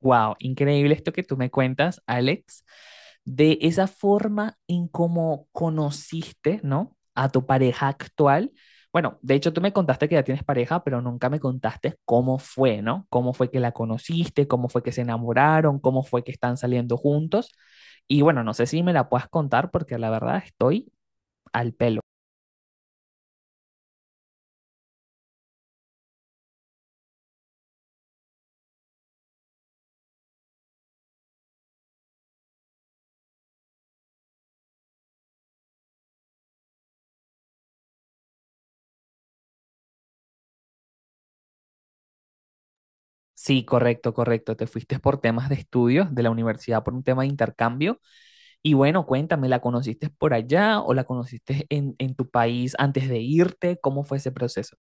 Wow, increíble esto que tú me cuentas, Alex, de esa forma en cómo conociste, ¿no? A tu pareja actual. Bueno, de hecho tú me contaste que ya tienes pareja, pero nunca me contaste cómo fue, ¿no? Cómo fue que la conociste, cómo fue que se enamoraron, cómo fue que están saliendo juntos. Y bueno, no sé si me la puedas contar porque la verdad estoy al pelo. Sí, correcto, correcto. Te fuiste por temas de estudios de la universidad por un tema de intercambio. Y bueno, cuéntame, ¿la conociste por allá o la conociste en tu país antes de irte? ¿Cómo fue ese proceso?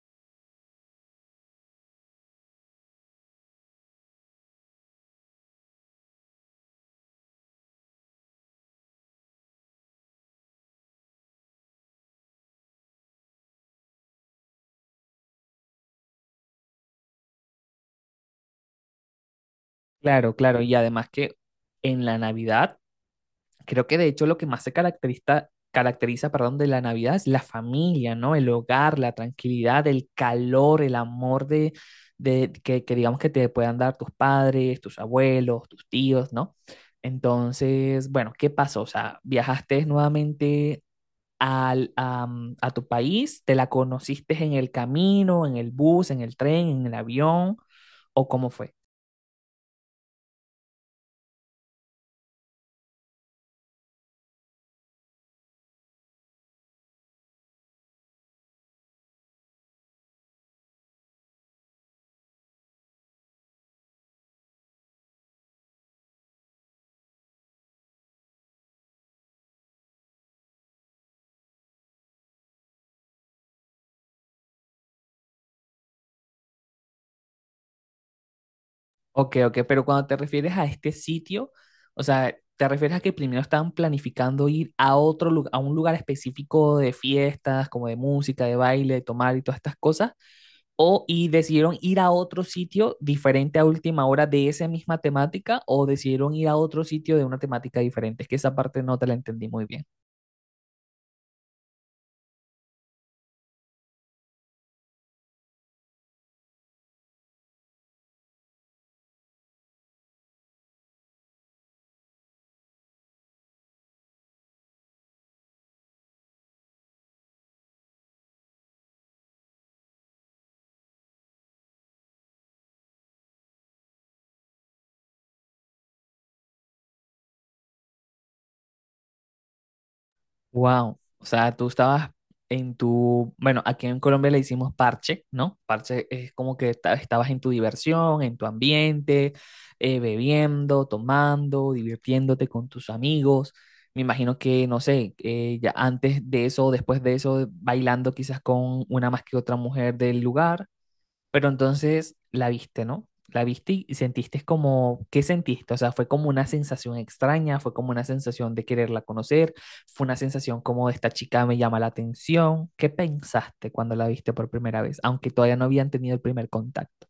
Claro, claro. Y además que en la Navidad, creo que de hecho lo que más se caracteriza, caracteriza, perdón, de la Navidad es la familia, ¿no? El hogar, la tranquilidad, el calor, el amor de que digamos que te puedan dar tus padres, tus abuelos, tus tíos, ¿no? Entonces, bueno, ¿qué pasó? O sea, viajaste nuevamente al, a tu país? ¿Te la conociste en el camino, en el bus, en el tren, en el avión? ¿O cómo fue? Ok, ok, pero cuando te refieres a este sitio, o sea, ¿te refieres a que primero estaban planificando ir a otro lugar, a un lugar específico de fiestas, como de música, de baile, de tomar y todas estas cosas? ¿O y decidieron ir a otro sitio diferente a última hora de esa misma temática? ¿O decidieron ir a otro sitio de una temática diferente? Es que esa parte no te la entendí muy bien. Wow, o sea, tú estabas en tu, bueno, aquí en Colombia le hicimos parche, ¿no? Parche es como que estabas en tu diversión, en tu ambiente, bebiendo, tomando, divirtiéndote con tus amigos. Me imagino que, no sé, ya antes de eso, después de eso, bailando quizás con una más que otra mujer del lugar. Pero entonces la viste, ¿no? La viste y sentiste como, ¿qué sentiste? O sea, fue como una sensación extraña, fue como una sensación de quererla conocer, fue una sensación como esta chica me llama la atención. ¿Qué pensaste cuando la viste por primera vez? Aunque todavía no habían tenido el primer contacto.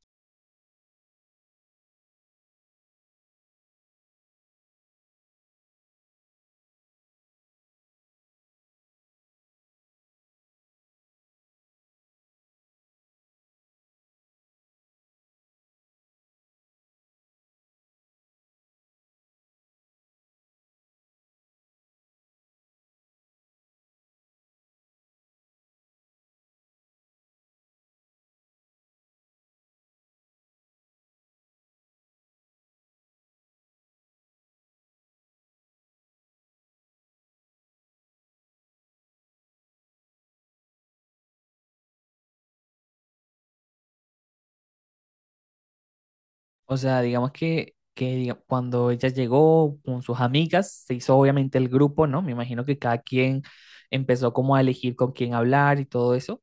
O sea, digamos que, cuando ella llegó con sus amigas, se hizo obviamente el grupo, ¿no? Me imagino que cada quien empezó como a elegir con quién hablar y todo eso.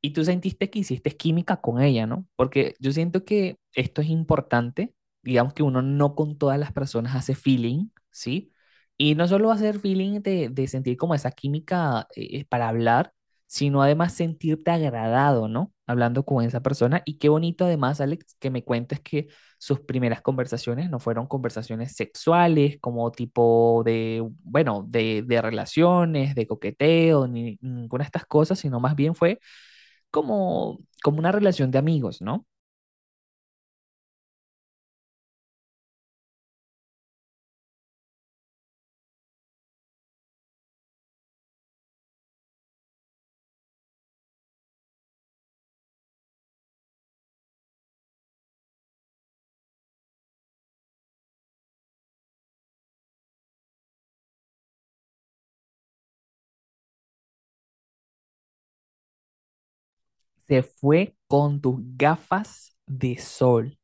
Y tú sentiste que hiciste química con ella, ¿no? Porque yo siento que esto es importante, digamos que uno no con todas las personas hace feeling, ¿sí? Y no solo hacer feeling de sentir como esa química para hablar, sino además sentirte agradado, ¿no? Hablando con esa persona. Y qué bonito además, Alex, que me cuentes que sus primeras conversaciones no fueron conversaciones sexuales, como tipo de, bueno, de relaciones, de coqueteo, ni ninguna de estas cosas, sino más bien fue como, como una relación de amigos, ¿no? Se fue con tus gafas de sol.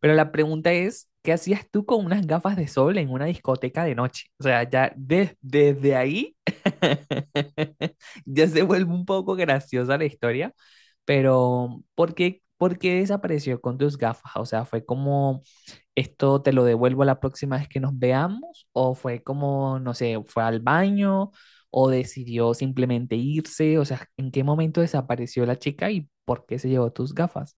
Pero la pregunta es, ¿qué hacías tú con unas gafas de sol en una discoteca de noche? O sea, ya desde ahí ya se vuelve un poco graciosa la historia, pero por qué desapareció con tus gafas? O sea, fue como ¿esto te lo devuelvo la próxima vez que nos veamos? ¿O fue como, no sé, fue al baño o decidió simplemente irse? O sea, ¿en qué momento desapareció la chica y por qué se llevó tus gafas?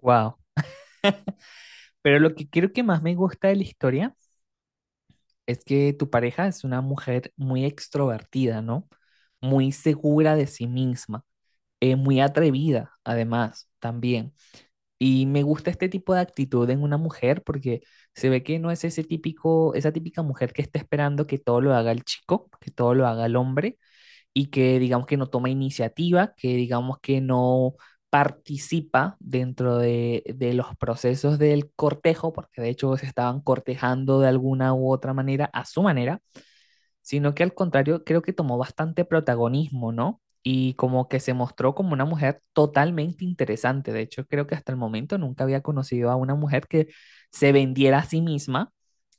Wow. Pero lo que creo que más me gusta de la historia es que tu pareja es una mujer muy extrovertida, ¿no? Muy segura de sí misma, muy atrevida, además, también. Y me gusta este tipo de actitud en una mujer porque se ve que no es ese típico, esa típica mujer que está esperando que todo lo haga el chico, que todo lo haga el hombre y que digamos que no toma iniciativa, que digamos que no participa dentro de los procesos del cortejo, porque de hecho se estaban cortejando de alguna u otra manera a su manera, sino que al contrario creo que tomó bastante protagonismo, ¿no? Y como que se mostró como una mujer totalmente interesante. De hecho, creo que hasta el momento nunca había conocido a una mujer que se vendiera a sí misma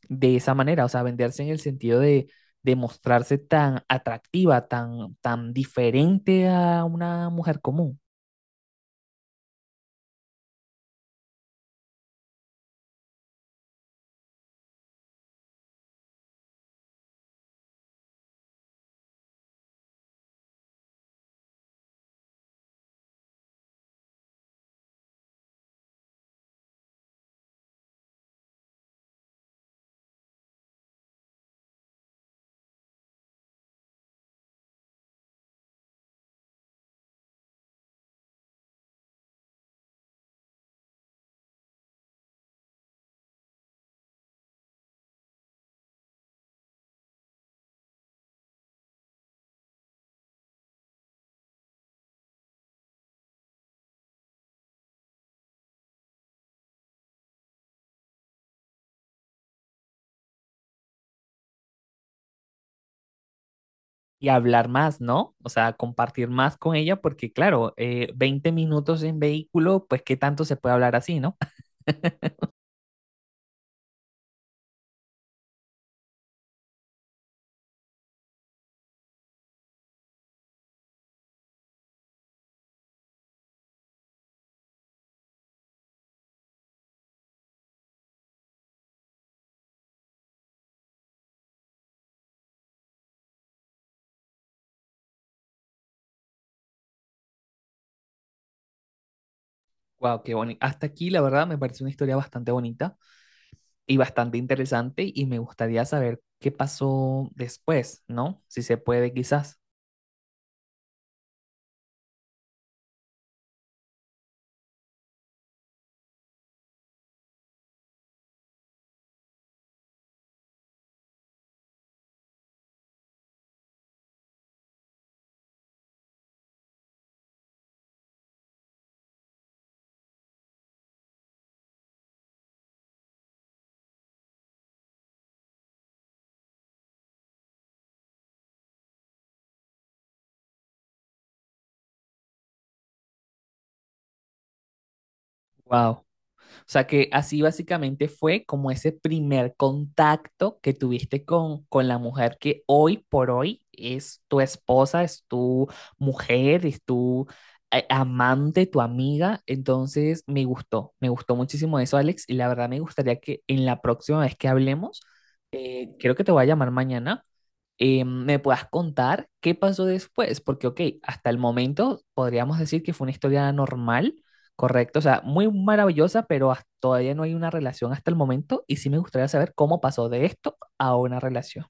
de esa manera, o sea, venderse en el sentido de mostrarse tan atractiva, tan, tan diferente a una mujer común. Y hablar más, ¿no? O sea, compartir más con ella, porque claro, 20 minutos en vehículo, pues qué tanto se puede hablar así, ¿no? Wow, qué bonito. Hasta aquí, la verdad, me parece una historia bastante bonita y bastante interesante y me gustaría saber qué pasó después, ¿no? Si se puede, quizás. Wow. O sea que así básicamente fue como ese primer contacto que tuviste con la mujer que hoy por hoy es tu esposa, es tu mujer, es tu amante, tu amiga. Entonces me gustó muchísimo eso, Alex, y la verdad me gustaría que en la próxima vez que hablemos, creo que te voy a llamar mañana, me puedas contar qué pasó después, porque, ok, hasta el momento podríamos decir que fue una historia normal. Correcto, o sea, muy maravillosa, pero todavía no hay una relación hasta el momento y sí me gustaría saber cómo pasó de esto a una relación.